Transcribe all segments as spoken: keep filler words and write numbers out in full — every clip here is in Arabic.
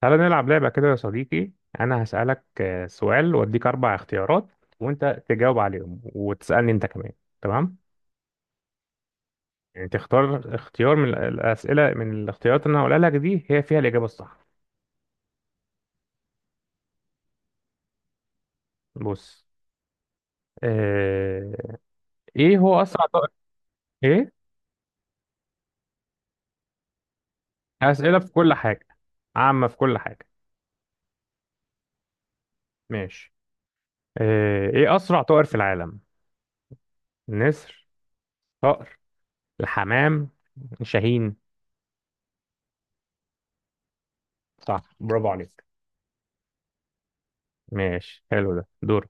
تعالى نلعب لعبة كده يا صديقي. أنا هسألك آه، سؤال وأديك أربع اختيارات، وأنت تجاوب عليهم وتسألني أنت كمان. تمام؟ يعني تختار اختيار من الأسئلة، من الاختيارات اللي أنا هقولها لك دي، هي فيها الإجابة الصح. بص، اه... إيه هو أسرع طائر؟ إيه؟ أسئلة في كل حاجة، عامة في كل حاجة. ماشي. اه... إيه أسرع طائر في العالم؟ نسر، طائر الحمام، شاهين. صح، برافو عليك. ماشي، حلو ده. دور.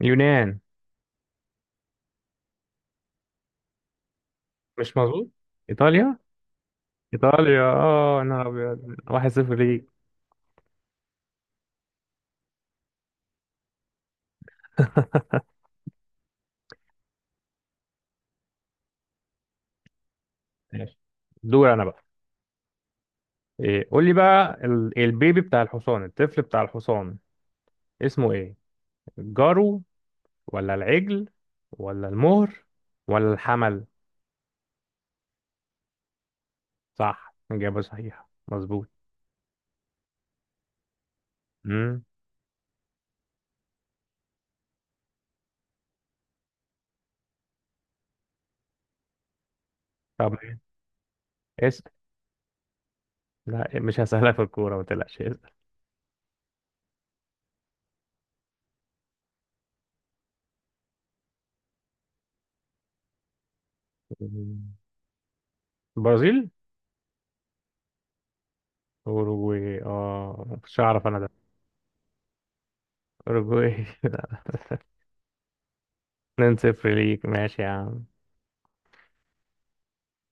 يونان. مش مظبوط. ايطاليا. ايطاليا. اه انا ابيض، واحد صفر ليك. ماشي، دور انا بقى. إيه، قول لي بقى، ال- البيبي بتاع الحصان، الطفل بتاع الحصان، اسمه ايه؟ الجرو، ولا العجل، ولا المهر، ولا الحمل؟ صح، اجابه صحيحه، مظبوط. امم طب اسال. لا مش هسهلها في الكوره، ما تقلقش، اسال. مم. برازيل. اوروجواي، اه مش هعرف انا ده. اوروجواي. اتنين 0 ليك، ماشي يا عم.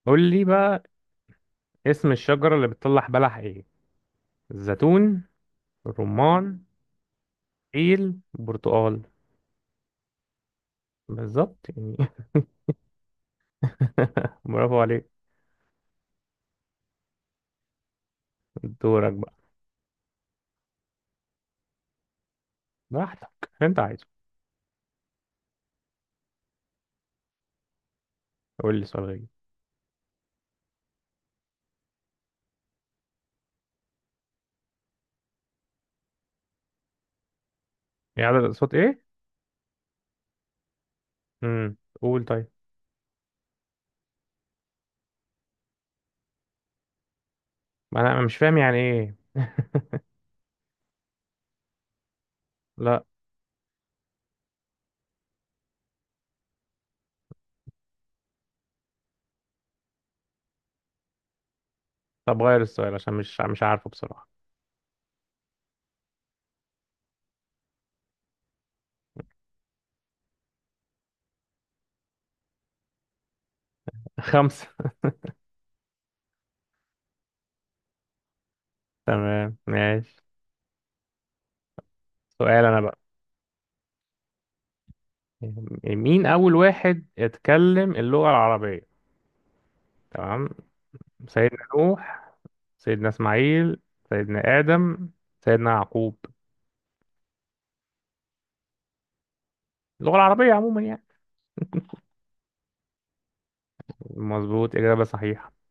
قول لي بقى، اسم الشجرة اللي بتطلع بلح ايه؟ الزيتون، الرمان، إيل برتقال. بالظبط يعني. برافو عليك. دورك بقى. براحتك انت عايزه. قول لي سؤال غير. يعني عدد الأصوات ايه؟ امم قول طيب. ما انا، أنا مش فاهم يعني ايه. لا طب غير السؤال عشان مش مش عارفه بصراحة. خمسة. تمام ماشي. سؤال انا بقى. مين اول واحد اتكلم اللغة العربية؟ تمام. سيدنا نوح، سيدنا إسماعيل، سيدنا آدم، سيدنا يعقوب. اللغة العربية عموما يعني. مظبوط، إجابة صحيحة.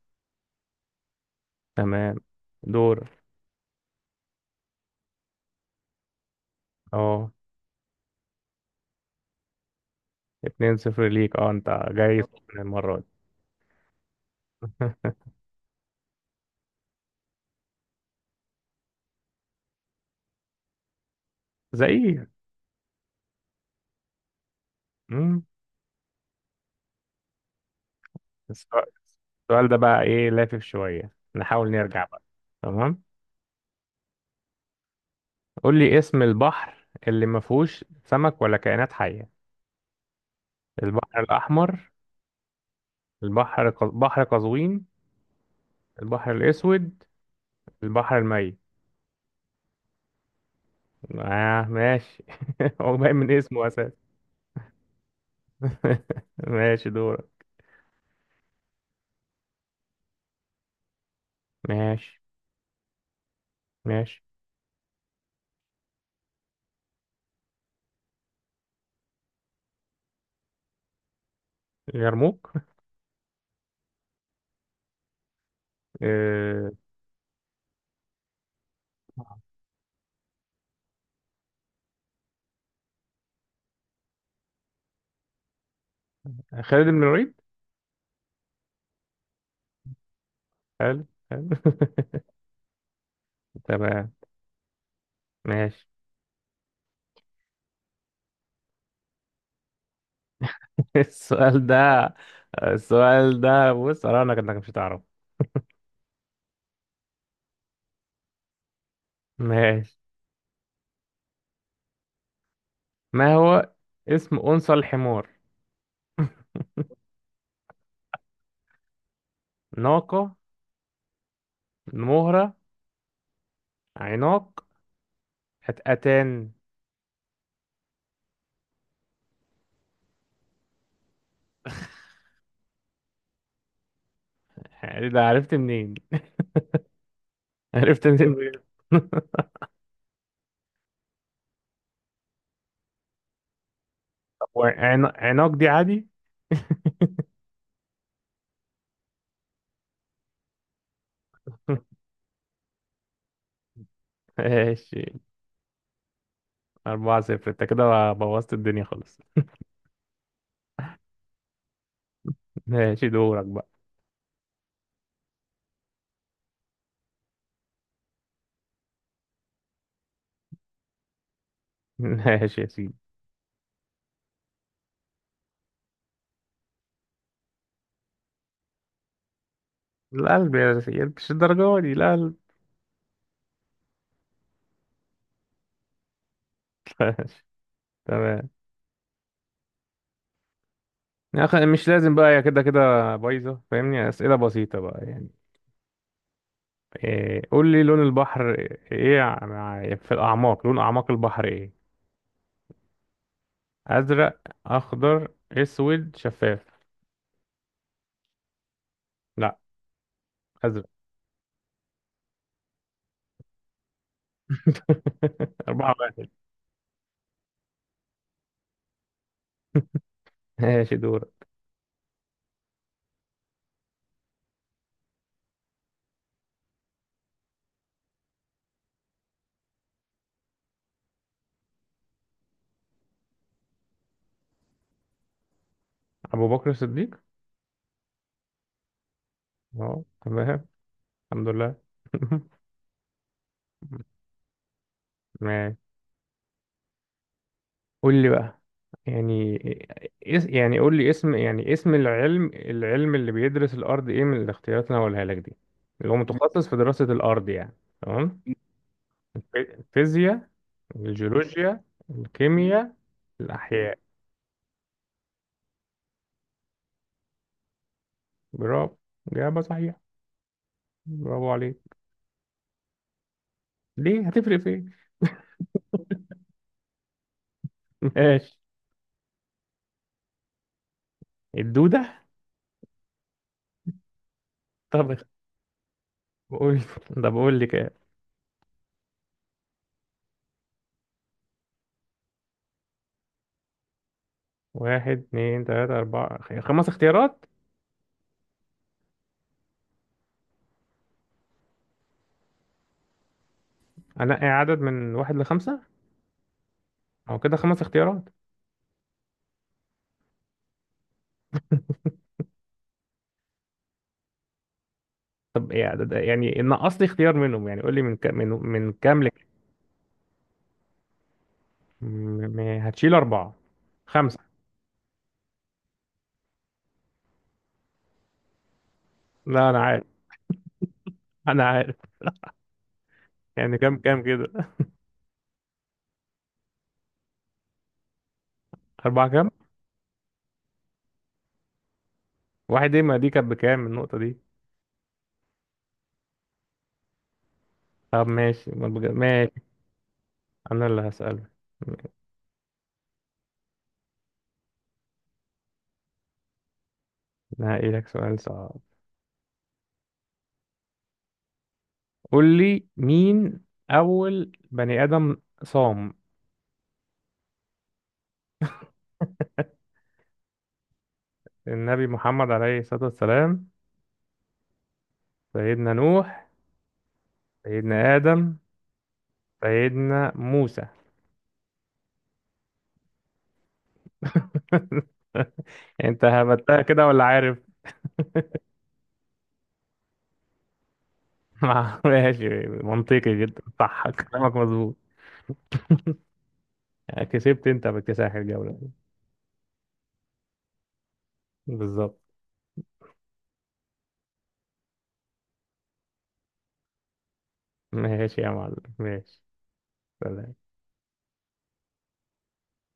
تمام. دور. اه، اتنين صفر ليك. اه انت جاي سخن المرة دي. زي ايه؟ مم. السؤال، السؤال ده بقى ايه، لافف شوية، نحاول نرجع بقى. تمام، قول لي اسم البحر اللي ما فيهوش سمك ولا كائنات حية؟ البحر الأحمر، البحر ق- بحر قزوين، البحر الأسود، البحر الميت. آه ماشي. هو باين من اسمه اساسا. ماشي دورك. ماشي. ماشي. يرموك. آه، خالد بن الوليد. حلو حلو. تمام. ماشي. السؤال ده السؤال ده، بص انا، انك انك مش هتعرف. ماشي. ما هو اسم انثى الحمار؟ ناقة، مهرة، عناق، هتقتان. ده عرفت منين؟ عرفت منين بجد؟ طب وعنا- عناق دي عادي. ماشي. أربعة صفر، أنت كده بوظت الدنيا خالص. ماشي دورك بقى. ماشي يا سيدي. القلب يا سيدي، مش الدرجة دي القلب. ماشي. تمام. يا أخي مش لازم بقى، يا كده كده بايظة، فاهمني، أسئلة بسيطة بقى يعني. إيه قول لي لون البحر، إيه ع- في الأعماق، لون أعماق البحر إيه؟ أزرق، أخضر، أسود، شفاف. لا. أزرق. أربعة واحد. ماشي دورك. أبو بكر الصديق. أهو تمام. الحمد لله. ماشي. قول لي بقى، يعني إيه- إس يعني قول لي اسم، يعني اسم العلم، العلم اللي بيدرس الأرض إيه، من الاختيارات اللي أنا هقولها لك دي، اللي هو متخصص في دراسة الأرض يعني. تمام. الفي- الفيزياء، الجيولوجيا، الكيمياء، الأحياء. برافو، إجابة صحيحة. برافو عليك. ليه؟ هتفرق في إيه؟ ماشي. الدودة. طب اخ- قول. طب قول لي كام. واحد اتنين تلاتة أربعة خمس اختيارات. أنقي عدد من واحد لخمسة. أو كده خمس اختيارات. طب يعني ده- ده- يعني نقص لي اختيار منهم يعني، قول لي من كام، من من كام لك. م- م- هتشيل أربعة. خمسة. لا أنا عارف. أنا عارف. يعني كام كام كده؟ أربعة كام؟ واحد إيه، ما دي كانت بكام النقطة دي؟ طب ماشي، ما بج- ماشي. أنا اللي هسألك. أنا هقيلك سؤال صعب. قول لي، مين أول بني آدم صام؟ النبي محمد عليه الصلاة والسلام، سيدنا نوح، سيدنا آدم، سيدنا موسى. انت هبتها كده ولا عارف؟ ماشي، منطقي جدا، صح، كلامك مظبوط. يعني كسبت انت باكتساح الجولة. بالظبط. ماشي يا معلم، ماشي. سلام.